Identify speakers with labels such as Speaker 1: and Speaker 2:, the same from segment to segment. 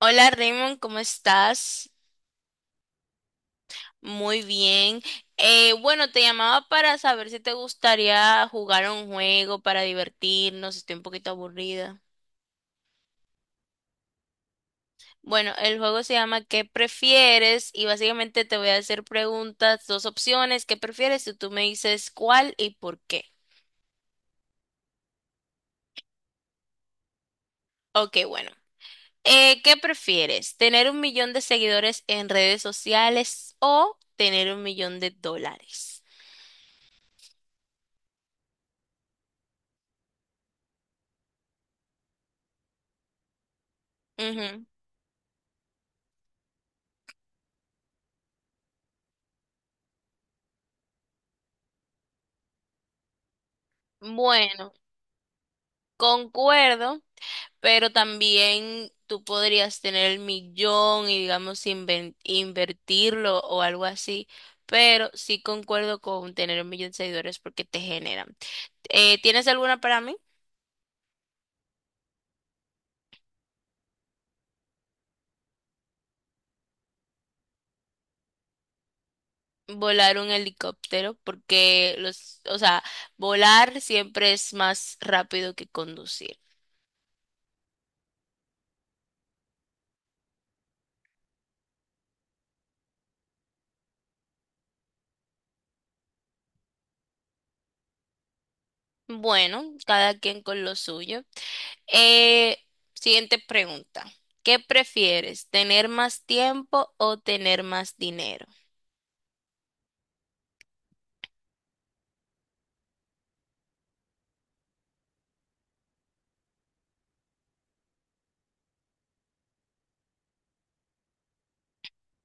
Speaker 1: Hola Raymond, ¿cómo estás? Muy bien. Bueno, te llamaba para saber si te gustaría jugar un juego para divertirnos. Estoy un poquito aburrida. Bueno, el juego se llama ¿Qué prefieres? Y básicamente te voy a hacer preguntas, dos opciones. ¿Qué prefieres? Y tú me dices cuál y por qué. Ok, bueno. ¿Qué prefieres? ¿Tener un millón de seguidores en redes sociales o tener 1.000.000 de dólares? Ujú. Bueno, concuerdo. Pero también tú podrías tener el millón y digamos invertirlo o algo así, pero sí concuerdo con tener 1.000.000 de seguidores porque te generan. ¿Tienes alguna para mí? Volar un helicóptero porque los, o sea, volar siempre es más rápido que conducir. Bueno, cada quien con lo suyo. Eh, Siguiente pregunta. ¿Qué prefieres, tener más tiempo o tener más dinero?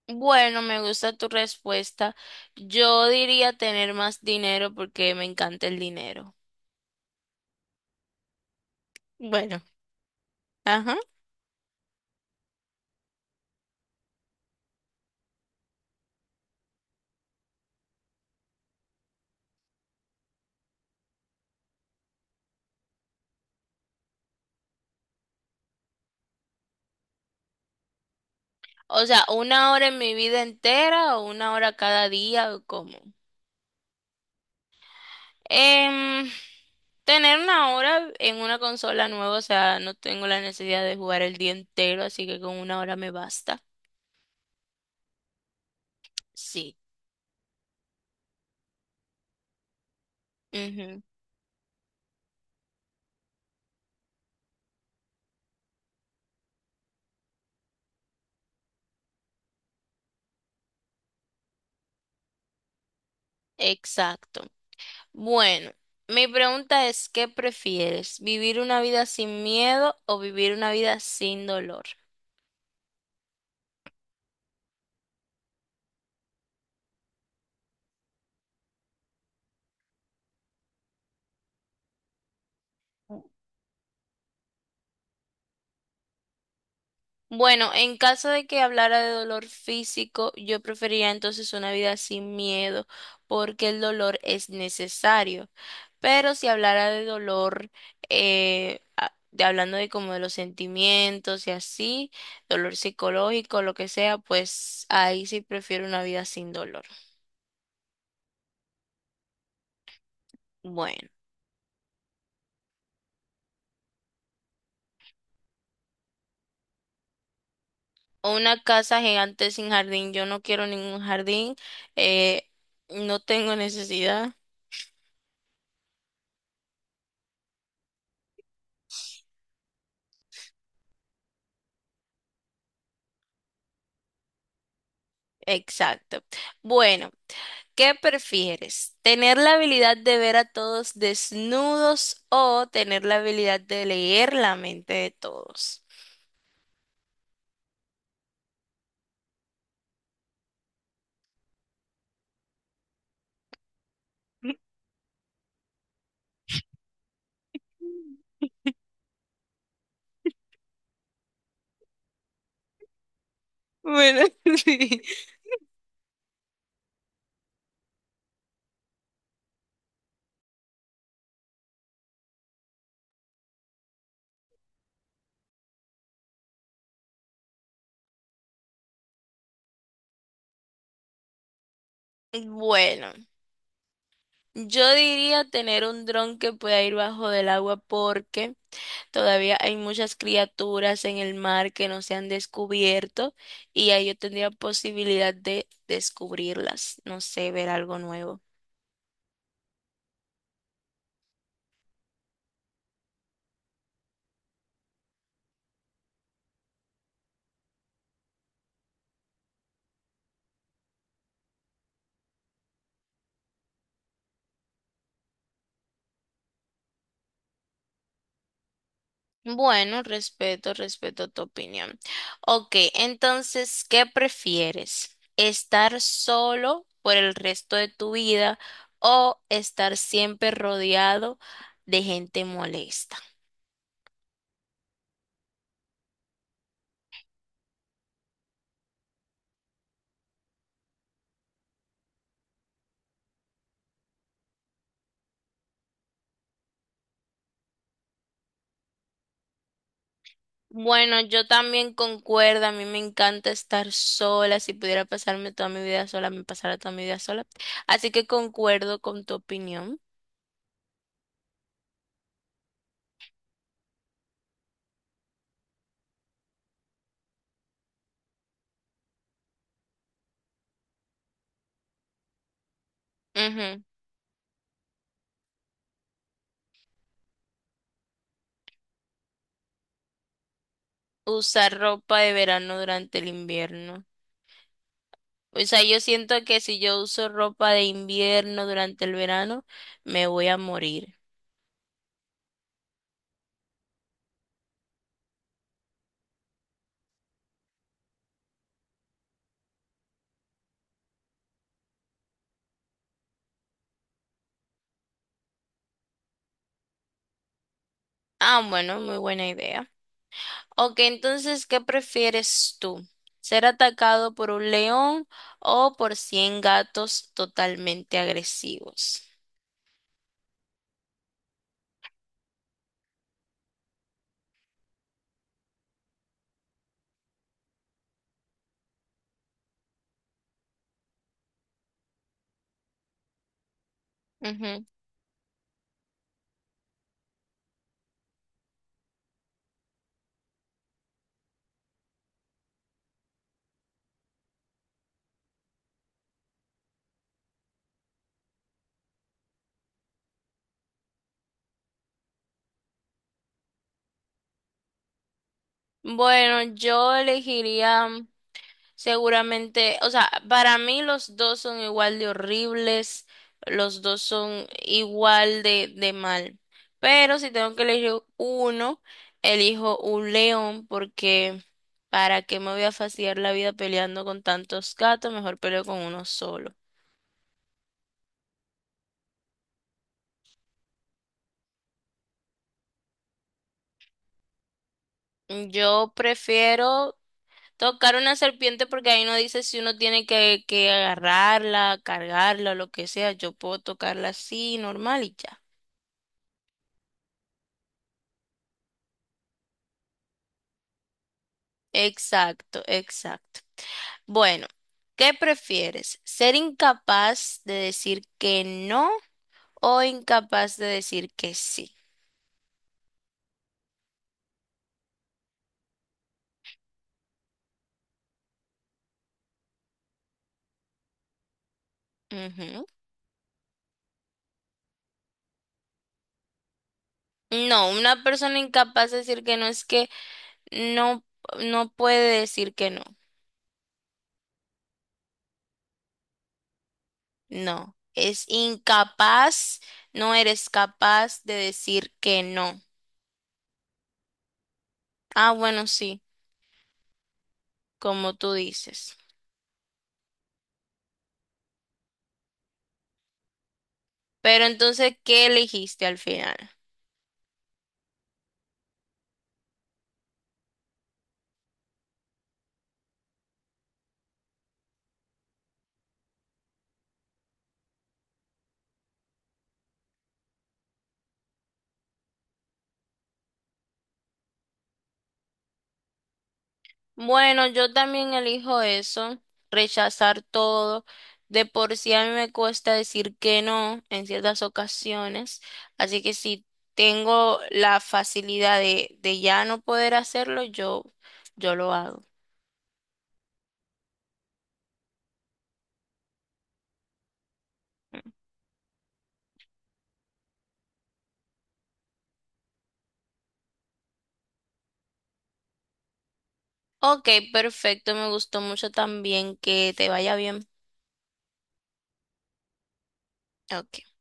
Speaker 1: Bueno, me gusta tu respuesta. Yo diría tener más dinero porque me encanta el dinero. Bueno, ajá. O sea, una hora en mi vida entera o una hora cada día o cómo. Em, Tener una hora en una consola nueva, o sea, no tengo la necesidad de jugar el día entero, así que con una hora me basta. Sí. Ujú. Exacto. Bueno, mi pregunta es, ¿qué prefieres? ¿Vivir una vida sin miedo o vivir una vida sin dolor? Bueno, en caso de que hablara de dolor físico, yo preferiría entonces una vida sin miedo porque el dolor es necesario. Pero si hablara de dolor, hablando de como de los sentimientos y así, dolor psicológico, lo que sea, pues ahí sí prefiero una vida sin dolor. Bueno. O una casa gigante sin jardín. Yo no quiero ningún jardín. eh, no tengo necesidad. Exacto. Bueno, ¿qué prefieres? ¿Tener la habilidad de ver a todos desnudos o tener la habilidad de leer la mente de todos? Bueno, sí. Bueno, yo diría tener un dron que pueda ir bajo del agua porque todavía hay muchas criaturas en el mar que no se han descubierto y ahí yo tendría posibilidad de descubrirlas, no sé, ver algo nuevo. Bueno, respeto, respeto tu opinión. Ok, entonces, ¿qué prefieres? ¿Estar solo por el resto de tu vida o estar siempre rodeado de gente molesta? Bueno, yo también concuerdo, a mí me encanta estar sola, si pudiera pasarme toda mi vida sola, me pasara toda mi vida sola. Así que concuerdo con tu opinión. Ujú. Usar ropa de verano durante el invierno. O sea, yo siento que si yo uso ropa de invierno durante el verano, me voy a morir. Ah, bueno, muy buena idea. Ok, entonces, ¿qué prefieres tú? ¿Ser atacado por un león o por 100 gatos totalmente agresivos? Bueno, yo elegiría seguramente, o sea, para mí los dos son igual de horribles, los dos son igual de mal, pero si tengo que elegir uno, elijo un león porque para qué me voy a fastidiar la vida peleando con tantos gatos, mejor peleo con uno solo. Yo prefiero tocar una serpiente porque ahí no dice si uno tiene que agarrarla, cargarla o lo que sea. Yo puedo tocarla así, normal y ya. Exacto, exacto. Bueno, ¿qué prefieres? ¿Ser incapaz de decir que no o incapaz de decir que sí? Ujú. No, una persona incapaz de decir que no es que no, no puede decir que no. No, es incapaz, no eres capaz de decir que no. Ah, bueno, sí, como tú dices. Pero entonces, ¿qué elegiste al final? Bueno, yo también elijo eso, rechazar todo. De por sí a mí me cuesta decir que no en ciertas ocasiones, así que si tengo la facilidad de ya no poder hacerlo, yo lo hago. Ok, perfecto, me gustó mucho también que te vaya bien. Ok.